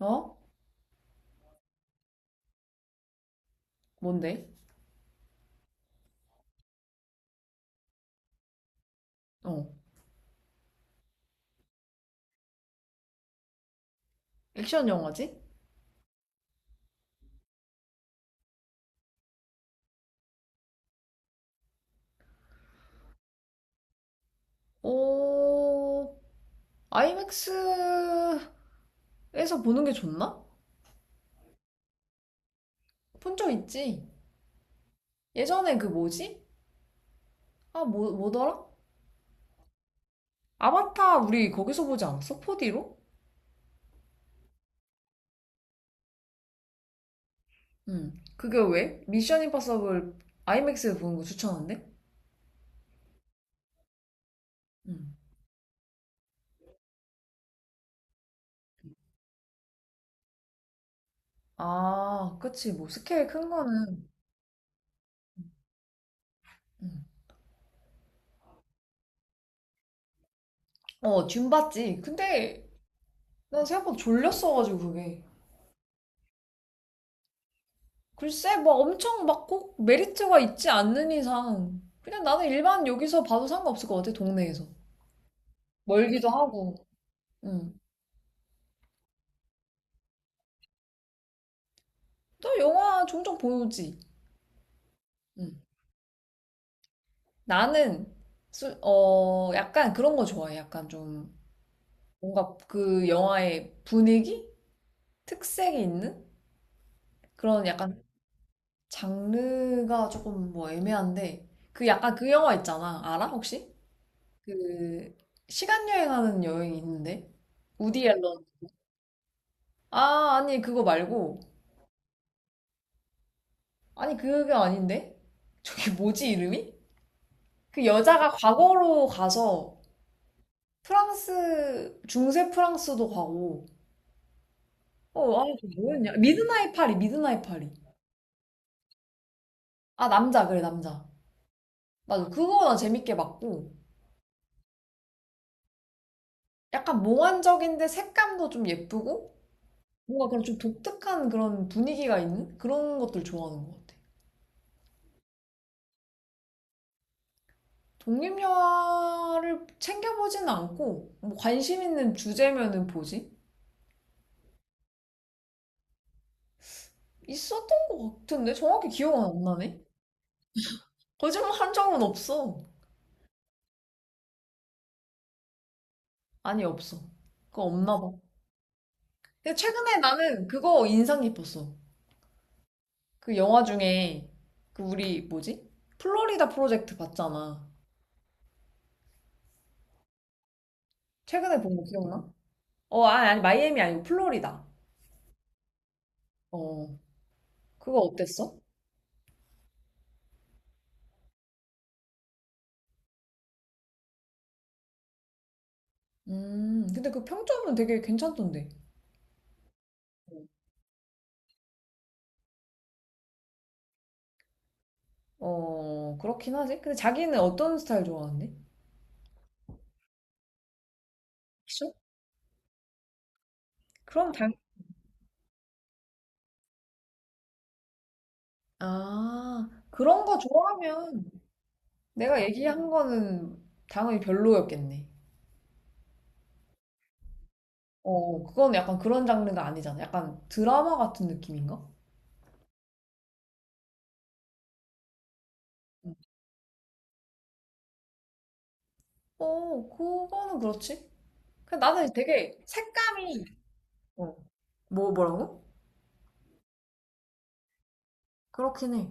어? 뭔데? 어. 액션 영화지? 어, 아이맥스에서 보는 게 좋나? 본 적 있지? 예전에 그 뭐지? 아, 뭐더라? 아바타 우리 거기서 보지 않았어? 4D로? 응. 그게 왜? 미션 임파서블 아이맥스에서 보는 거 추천한대? 응. 아, 그치. 뭐 스케일 큰 거는. 응. 어, 듄 봤지. 근데 난 생각보다 졸렸어가지고 그게. 글쎄, 뭐 엄청 막 꼭 메리트가 있지 않는 이상, 그냥 나는 일반 여기서 봐도 상관없을 것 같아, 동네에서. 멀기도 하고. 응. 또 영화 종종 보지. 응. 나는, 어, 약간 그런 거 좋아해. 약간 좀, 뭔가 그 영화의 분위기? 특색이 있는? 그런 약간 장르가 조금 뭐 애매한데, 그 약간 그 영화 있잖아. 알아, 혹시? 그, 시간 여행하는 여행이 있는데? 우디 앨런. 아, 아니, 그거 말고. 아니, 그게 아닌데? 저게 뭐지, 이름이? 그 여자가 과거로 가서 프랑스, 중세 프랑스도 가고. 어, 아니, 그 뭐였냐? 미드나잇 파리, 미드나잇 파리. 아, 남자, 그래, 남자. 맞아. 그거 나 재밌게 봤고. 약간 몽환적인데 색감도 좀 예쁘고. 뭔가 그런 좀 독특한 그런 분위기가 있는 그런 것들 좋아하는 것 같아. 독립영화를 챙겨보지는 않고, 뭐 관심 있는 주제면은 보지? 있었던 것 같은데 정확히 기억은 안 나네. 거짓말 한 적은 없어. 아니 없어. 그거 없나 봐. 근데 최근에 나는 그거 인상 깊었어. 그 영화 중에 그 우리 뭐지? 플로리다 프로젝트 봤잖아. 최근에 본 거 기억나? 어, 아, 아니 마이애미 아니고 플로리다. 어. 그거 어땠어? 음, 근데 그 평점은 되게 괜찮던데. 어, 그렇긴 하지. 근데 자기는 어떤 스타일 좋아하는데? 액션? 그럼 당... 아, 그런 거 좋아하면 내가 얘기한 거는 당연히 별로였겠네. 어, 그건 약간 그런 장르가 아니잖아. 약간 드라마 같은 느낌인가? 응. 어, 그거는 그렇지. 근데 나는 되게 색감이, 어, 뭐라고? 그렇긴 해.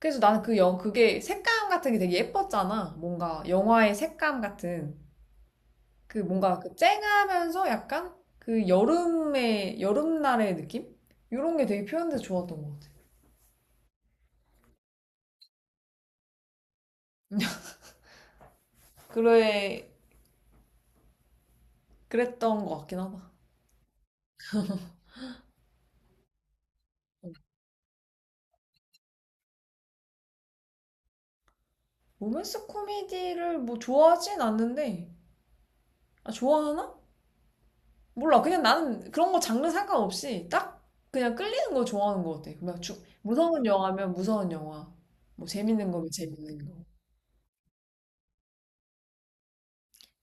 그래서 나는 그게 색감 같은 게 되게 예뻤잖아. 뭔가 영화의 색감 같은. 그 뭔가 그 쨍하면서 약간 그 여름날의 느낌? 이런 게 되게 표현돼서 좋았던 것 같아. 그래, 그랬던 것 같긴 하다. 로맨스 코미디를 뭐 좋아하진 않는데, 아, 좋아하나? 몰라. 그냥 나는 그런 거 장르 상관없이 딱 그냥 끌리는 거 좋아하는 것 같아. 무서운 영화면 무서운 영화. 뭐 재밌는 거면 재밌는 거.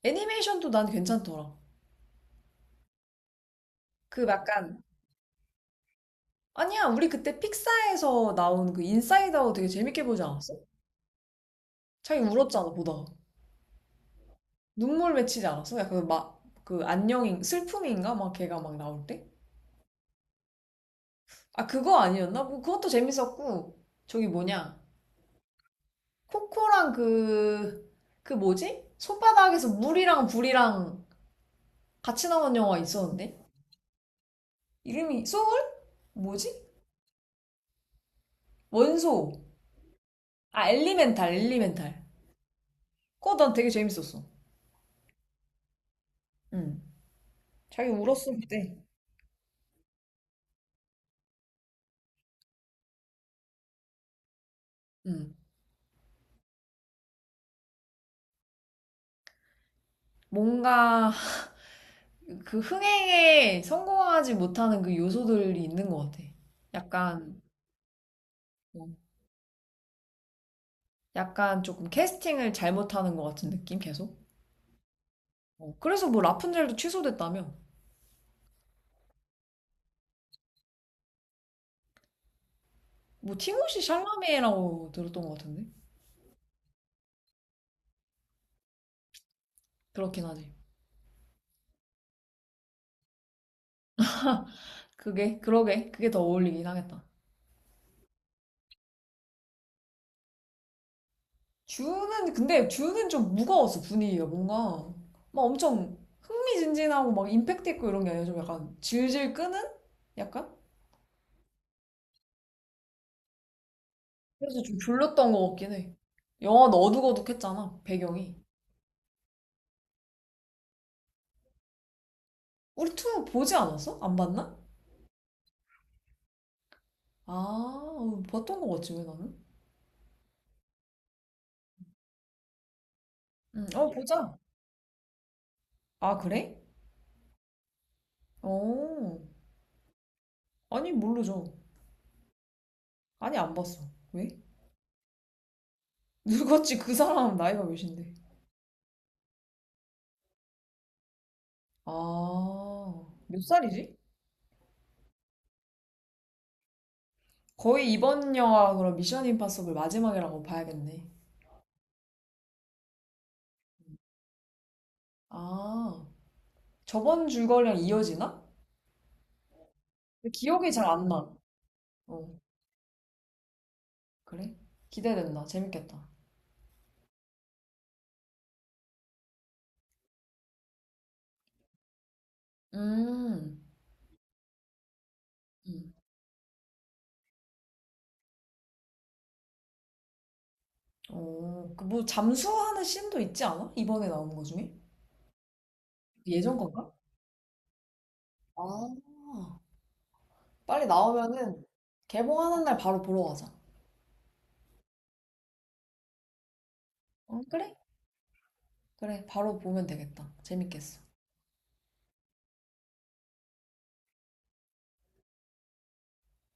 애니메이션도 난 괜찮더라. 그 약간, 아니야, 우리 그때 픽사에서 나온 그 인사이드 아웃 되게 재밌게 보지 않았어? 자기 울었잖아, 보다가. 눈물 맺히지 않았어? 약간 막, 그 안녕인, 슬픔인가? 막 걔가 막 나올 때? 아, 그거 아니었나? 뭐 그것도 재밌었고, 저기 뭐냐. 코코랑 그, 그 뭐지? 손바닥에서 물이랑 불이랑 같이 나온 영화 있었는데? 이름이, 소울? 뭐지? 원소. 아, 엘리멘탈. 그거 난 되게 재밌었어. 응. 자기 울었어, 그때. 응. 뭔가 그 흥행에 성공하지 못하는 그 요소들이 있는 것 같아. 약간, 어, 약간 조금 캐스팅을 잘못하는 것 같은 느낌, 계속. 어, 그래서 뭐 라푼젤도 취소됐다며. 뭐 티모시 샬라메라고 들었던 것 같은데. 그렇긴 하지. 그게, 그러게. 그게 더 어울리긴 하겠다. 주는 좀 무거웠어 분위기가. 뭔가 막 엄청 흥미진진하고 막 임팩트 있고 이런 게 아니라 좀 약간 질질 끄는 약간. 그래서 좀 졸렸던 것 같긴 해. 영화는 어둑어둑했잖아 배경이. 우리 투 보지 않았어? 안 봤나? 아, 어, 봤던 것 같지 왜 나는? 응. 어, 보자. 아, 그래? 어, 아니 모르죠. 아니 안 봤어. 왜? 늙었지. 그 사람 나이가 몇인데. 아, 몇 살이지? 거의 이번 영화 그럼 미션 임파서블 마지막이라고 봐야겠네. 아, 저번 줄거리랑 이어지나? 근데 기억이 잘 안 나. 어, 그래? 기대된다. 재밌겠다. 음, 음. 어, 그 뭐 잠수하는 씬도 있지 않아? 이번에 나온 거 중에? 예전 건가? 아, 빨리 나오면은 개봉하는 날 바로 보러 가자. 어, 그래? 그래, 바로 보면 되겠다. 재밌겠어.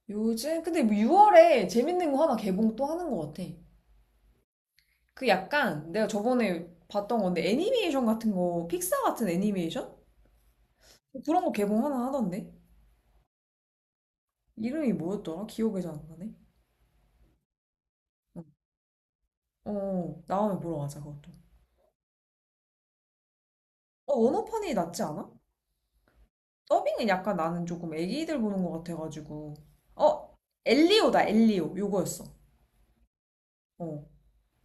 요즘, 근데 뭐 6월에 재밌는 거 하나 개봉 또 하는 것 같아. 그 약간 내가 저번에 봤던 건데 애니메이션 같은 거, 픽사 같은 애니메이션? 그런 거 개봉 하나 하던데? 이름이 뭐였더라? 기억이 잘 안 나네. 어, 어, 나오면 보러 가자, 그것도. 어, 원어판이 낫지 않아? 더빙은 약간 나는 조금 애기들 보는 것 같아가지고. 어, 엘리오다, 엘리오. 요거였어. 어,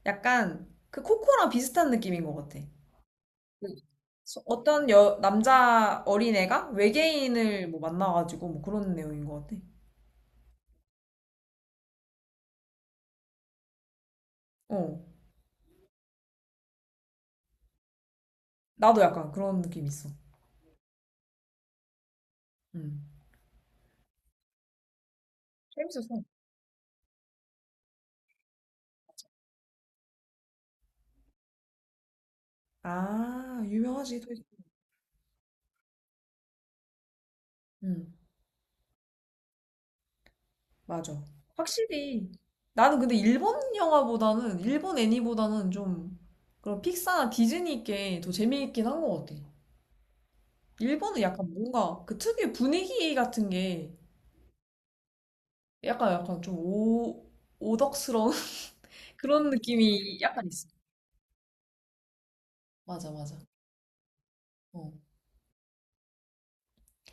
약간 그 코코랑 비슷한 느낌인 것 같아. 그 어떤 여, 남자 어린애가 외계인을 뭐 만나가지고 뭐 그런 내용인 것 같아. 어. 나도 약간 그런 느낌 있어. 음. 재밌었어. 아, 유명하지. 토이스토리. 음, 맞아. 확실히. 나는 근데 일본 영화보다는, 일본 애니보다는 좀 그런 픽사나 디즈니 게 더 재미있긴 한 것 같아. 일본은 약간 뭔가 그 특유의 분위기 같은 게 약간 좀 오, 오덕스러운 그런 느낌이 약간 있어. 맞아, 맞아. 어.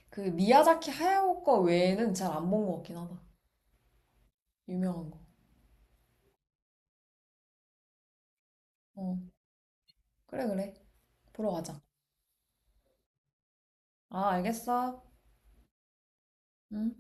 그 미야자키 하야오 거 외에는 잘 안 본 것 같긴 하다. 유명한 거. 어, 그래, 그래. 보러 가자. 아, 알겠어. 응.